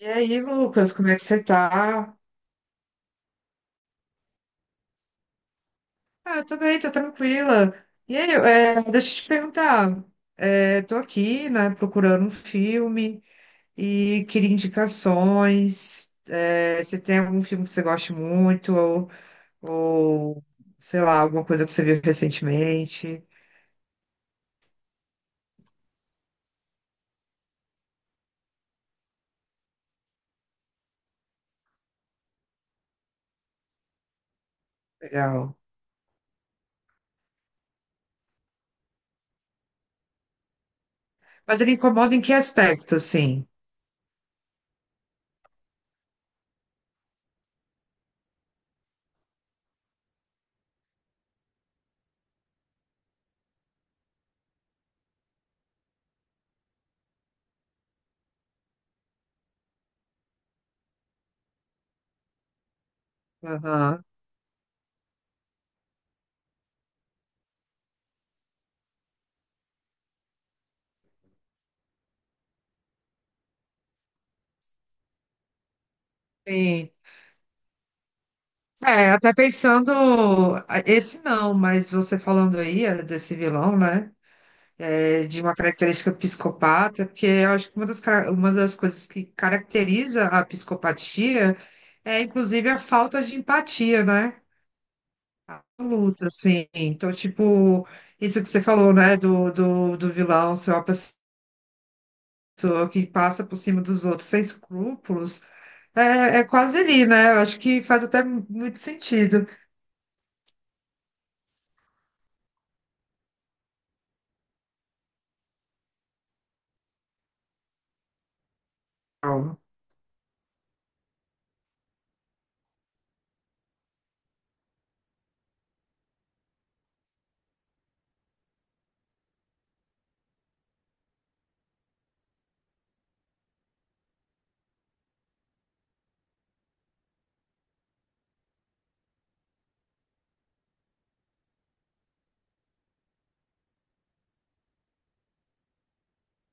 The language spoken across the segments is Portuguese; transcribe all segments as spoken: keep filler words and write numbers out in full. E aí, Lucas, como é que você tá? Ah, eu tô bem, tô tranquila. E aí, é, deixa eu te perguntar. É, tô aqui, né, procurando um filme e queria indicações. É, você tem algum filme que você goste muito ou, ou, sei lá, alguma coisa que você viu recentemente? Legal. Mas ele incomoda em que aspecto, assim? Aham. Sim. É, até pensando, ah, esse não, mas você falando aí, era desse vilão, né? É, de uma característica psicopata, porque eu acho que uma das, cara- uma das coisas que caracteriza a psicopatia é, inclusive, a falta de empatia, né? A luta, assim. Então, tipo, isso que você falou, né, do, do, do vilão ser uma pessoa que passa por cima dos outros sem escrúpulos, é, é quase ali, né? Eu acho que faz até muito sentido. Calma.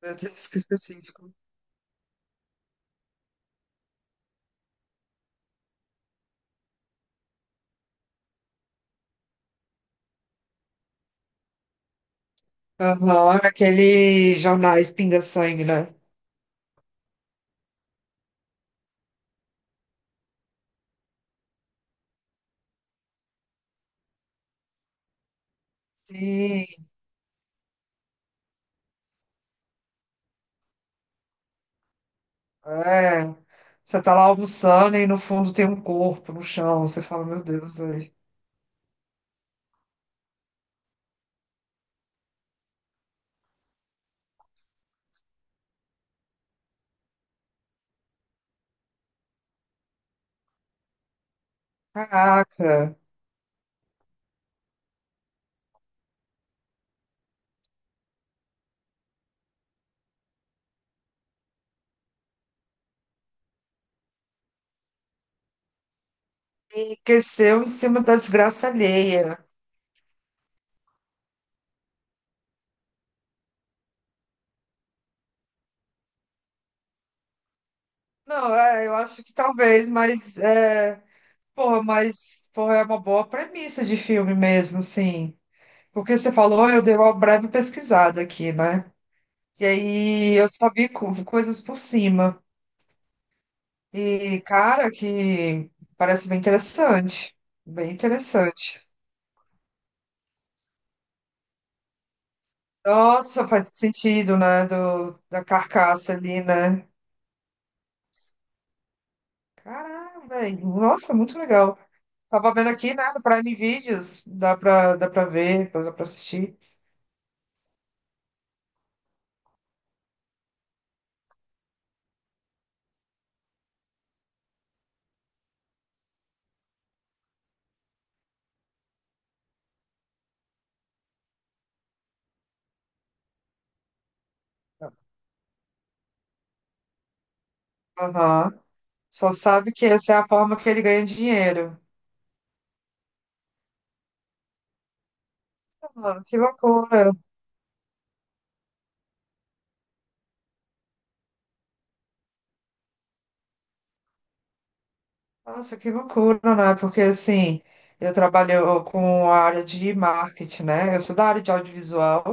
Meu Deus, que específico. Aham, aquele jornais pinga-sangue, né? Sim, é, você tá lá almoçando e no fundo tem um corpo no chão. Você fala, meu Deus, aí. Caraca, enriqueceu em cima da desgraça alheia. Não, é, eu acho que talvez, mas é, porra, mas porra, é uma boa premissa de filme mesmo, sim. Porque você falou, eu dei uma breve pesquisada aqui, né? E aí eu só vi co- coisas por cima. E, cara, que parece bem interessante. Bem interessante. Nossa, faz sentido, né? Do, da carcaça ali, né? Caramba, velho. Nossa, muito legal. Tava vendo aqui, né, no Prime Videos, dá pra, dá pra ver, dá pra assistir. Aham. Só sabe que essa é a forma que ele ganha dinheiro. Mano, que loucura. Nossa, que loucura, né? Porque assim, eu trabalho com a área de marketing, né? Eu sou da área de audiovisual,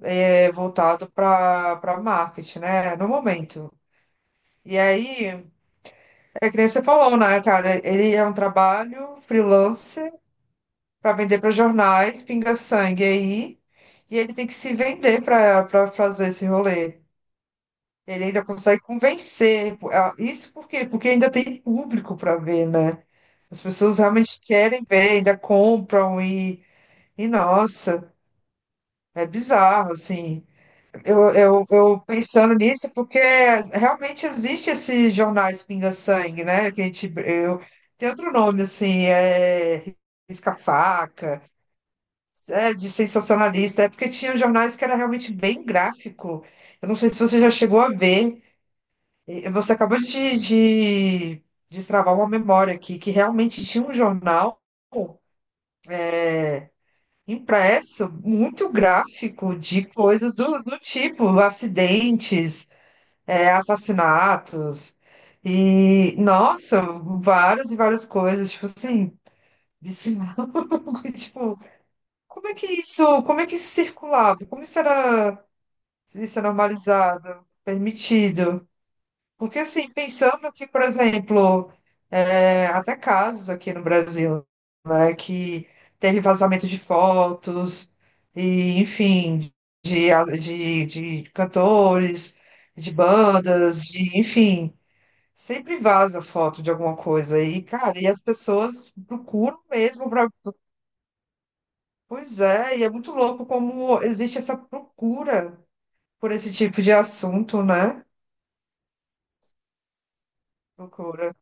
é, voltado para para marketing, né? No momento. E aí. É que nem você falou, né, cara? Ele é um trabalho freelance para vender para jornais, pinga-sangue aí, e ele tem que se vender para para fazer esse rolê. Ele ainda consegue convencer. Ah, isso por quê? Porque ainda tem público para ver, né? As pessoas realmente querem ver, ainda compram e, e nossa, é bizarro, assim. Eu, eu, eu pensando nisso, porque realmente existe esse jornais Pinga-Sangue, né? Que a gente, eu, tem outro nome, assim, é risca-faca, é, de sensacionalista, é porque tinha jornais que era realmente bem gráfico. Eu não sei se você já chegou a ver, e você acabou de, de destravar uma memória aqui, que realmente tinha um jornal impresso muito gráfico de coisas do, do tipo acidentes, é, assassinatos e, nossa, várias e várias coisas, tipo assim, vicinal, tipo, como é que isso, como é que isso circulava? Como isso era, isso é normalizado, permitido? Porque, assim, pensando que, por exemplo, é, até casos aqui no Brasil, né, que teve vazamento de fotos e, enfim, de, de, de cantores, de bandas, de, enfim, sempre vaza foto de alguma coisa e, cara, e as pessoas procuram mesmo para. Pois é, e é muito louco como existe essa procura por esse tipo de assunto, né? Procura.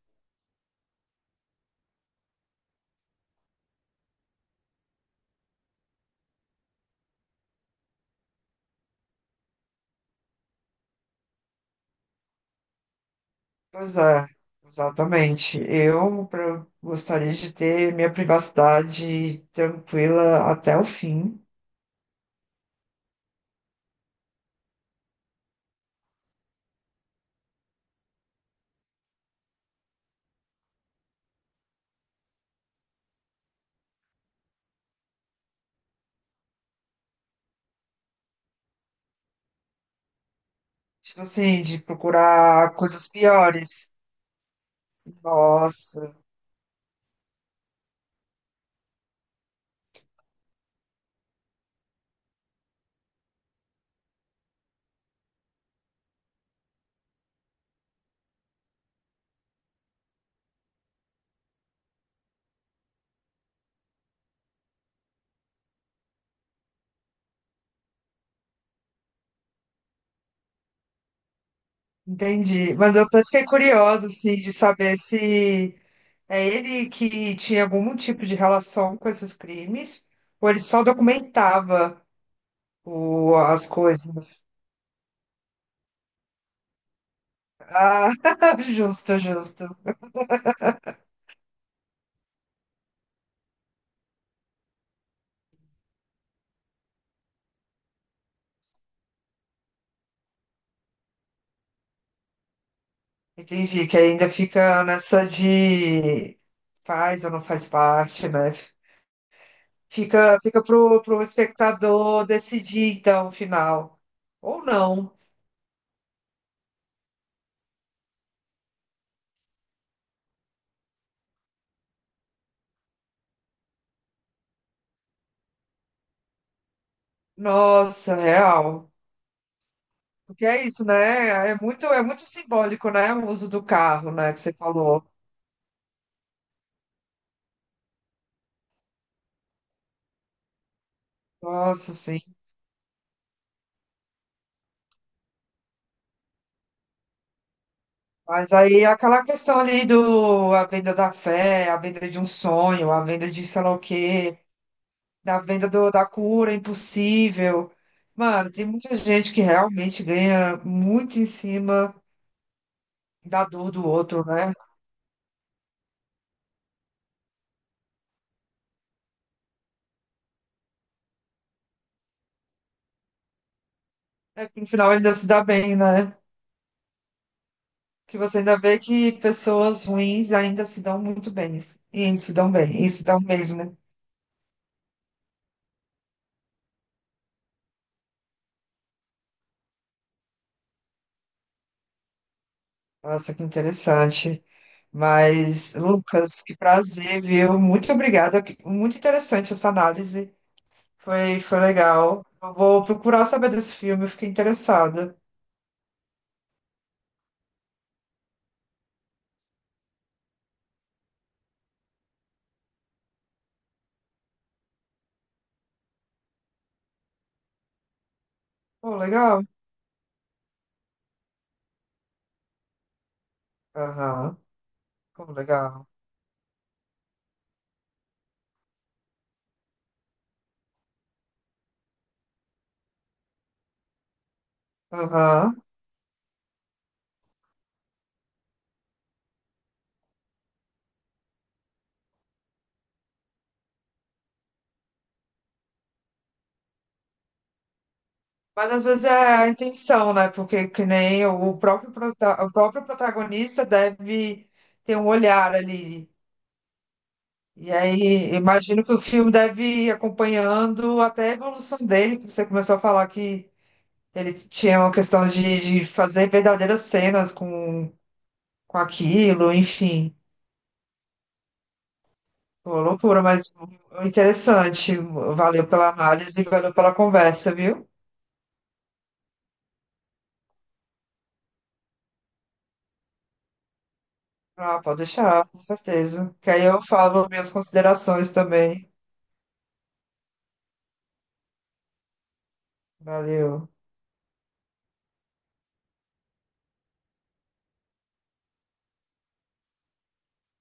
Pois é, exatamente. Eu pra- gostaria de ter minha privacidade tranquila até o fim. Tipo assim, de procurar coisas piores. Nossa. Entendi. Mas eu até fiquei curiosa, assim, de saber se é ele que tinha algum tipo de relação com esses crimes, ou ele só documentava o, as coisas. Ah, justo, justo. Entendi, que ainda fica nessa de faz ou não faz parte, né? Fica, fica pro, pro espectador decidir, então, o final. Ou não. Nossa, real. Porque é isso, né? É muito, é muito simbólico, né? O uso do carro, né? Que você falou. Nossa, sim. Mas aí aquela questão ali do a venda da fé, a venda de um sonho, a venda de sei lá o quê, da venda do, da cura impossível. Mano, tem muita gente que realmente ganha muito em cima da dor do outro, né? É que no final ainda se dá bem, né? Que você ainda vê que pessoas ruins ainda se dão muito bem. E se dão bem, e se dão mesmo. Nossa, que interessante. Mas, Lucas, que prazer, viu? Muito obrigada. Muito interessante essa análise. Foi, foi legal. Eu vou procurar saber desse filme, eu fiquei interessada. Pô, legal. Aham. Pô, legal. Aham. Mas às vezes é a intenção, né? Porque que nem o próprio, prota- o próprio protagonista deve ter um olhar ali. E aí, imagino que o filme deve ir acompanhando até a evolução dele, que você começou a falar que ele tinha uma questão de, de fazer verdadeiras cenas com, com aquilo, enfim. Pô, loucura, mas interessante. Valeu pela análise, valeu pela conversa, viu? Ah, pode deixar, com certeza. Que aí eu falo minhas considerações também. Valeu.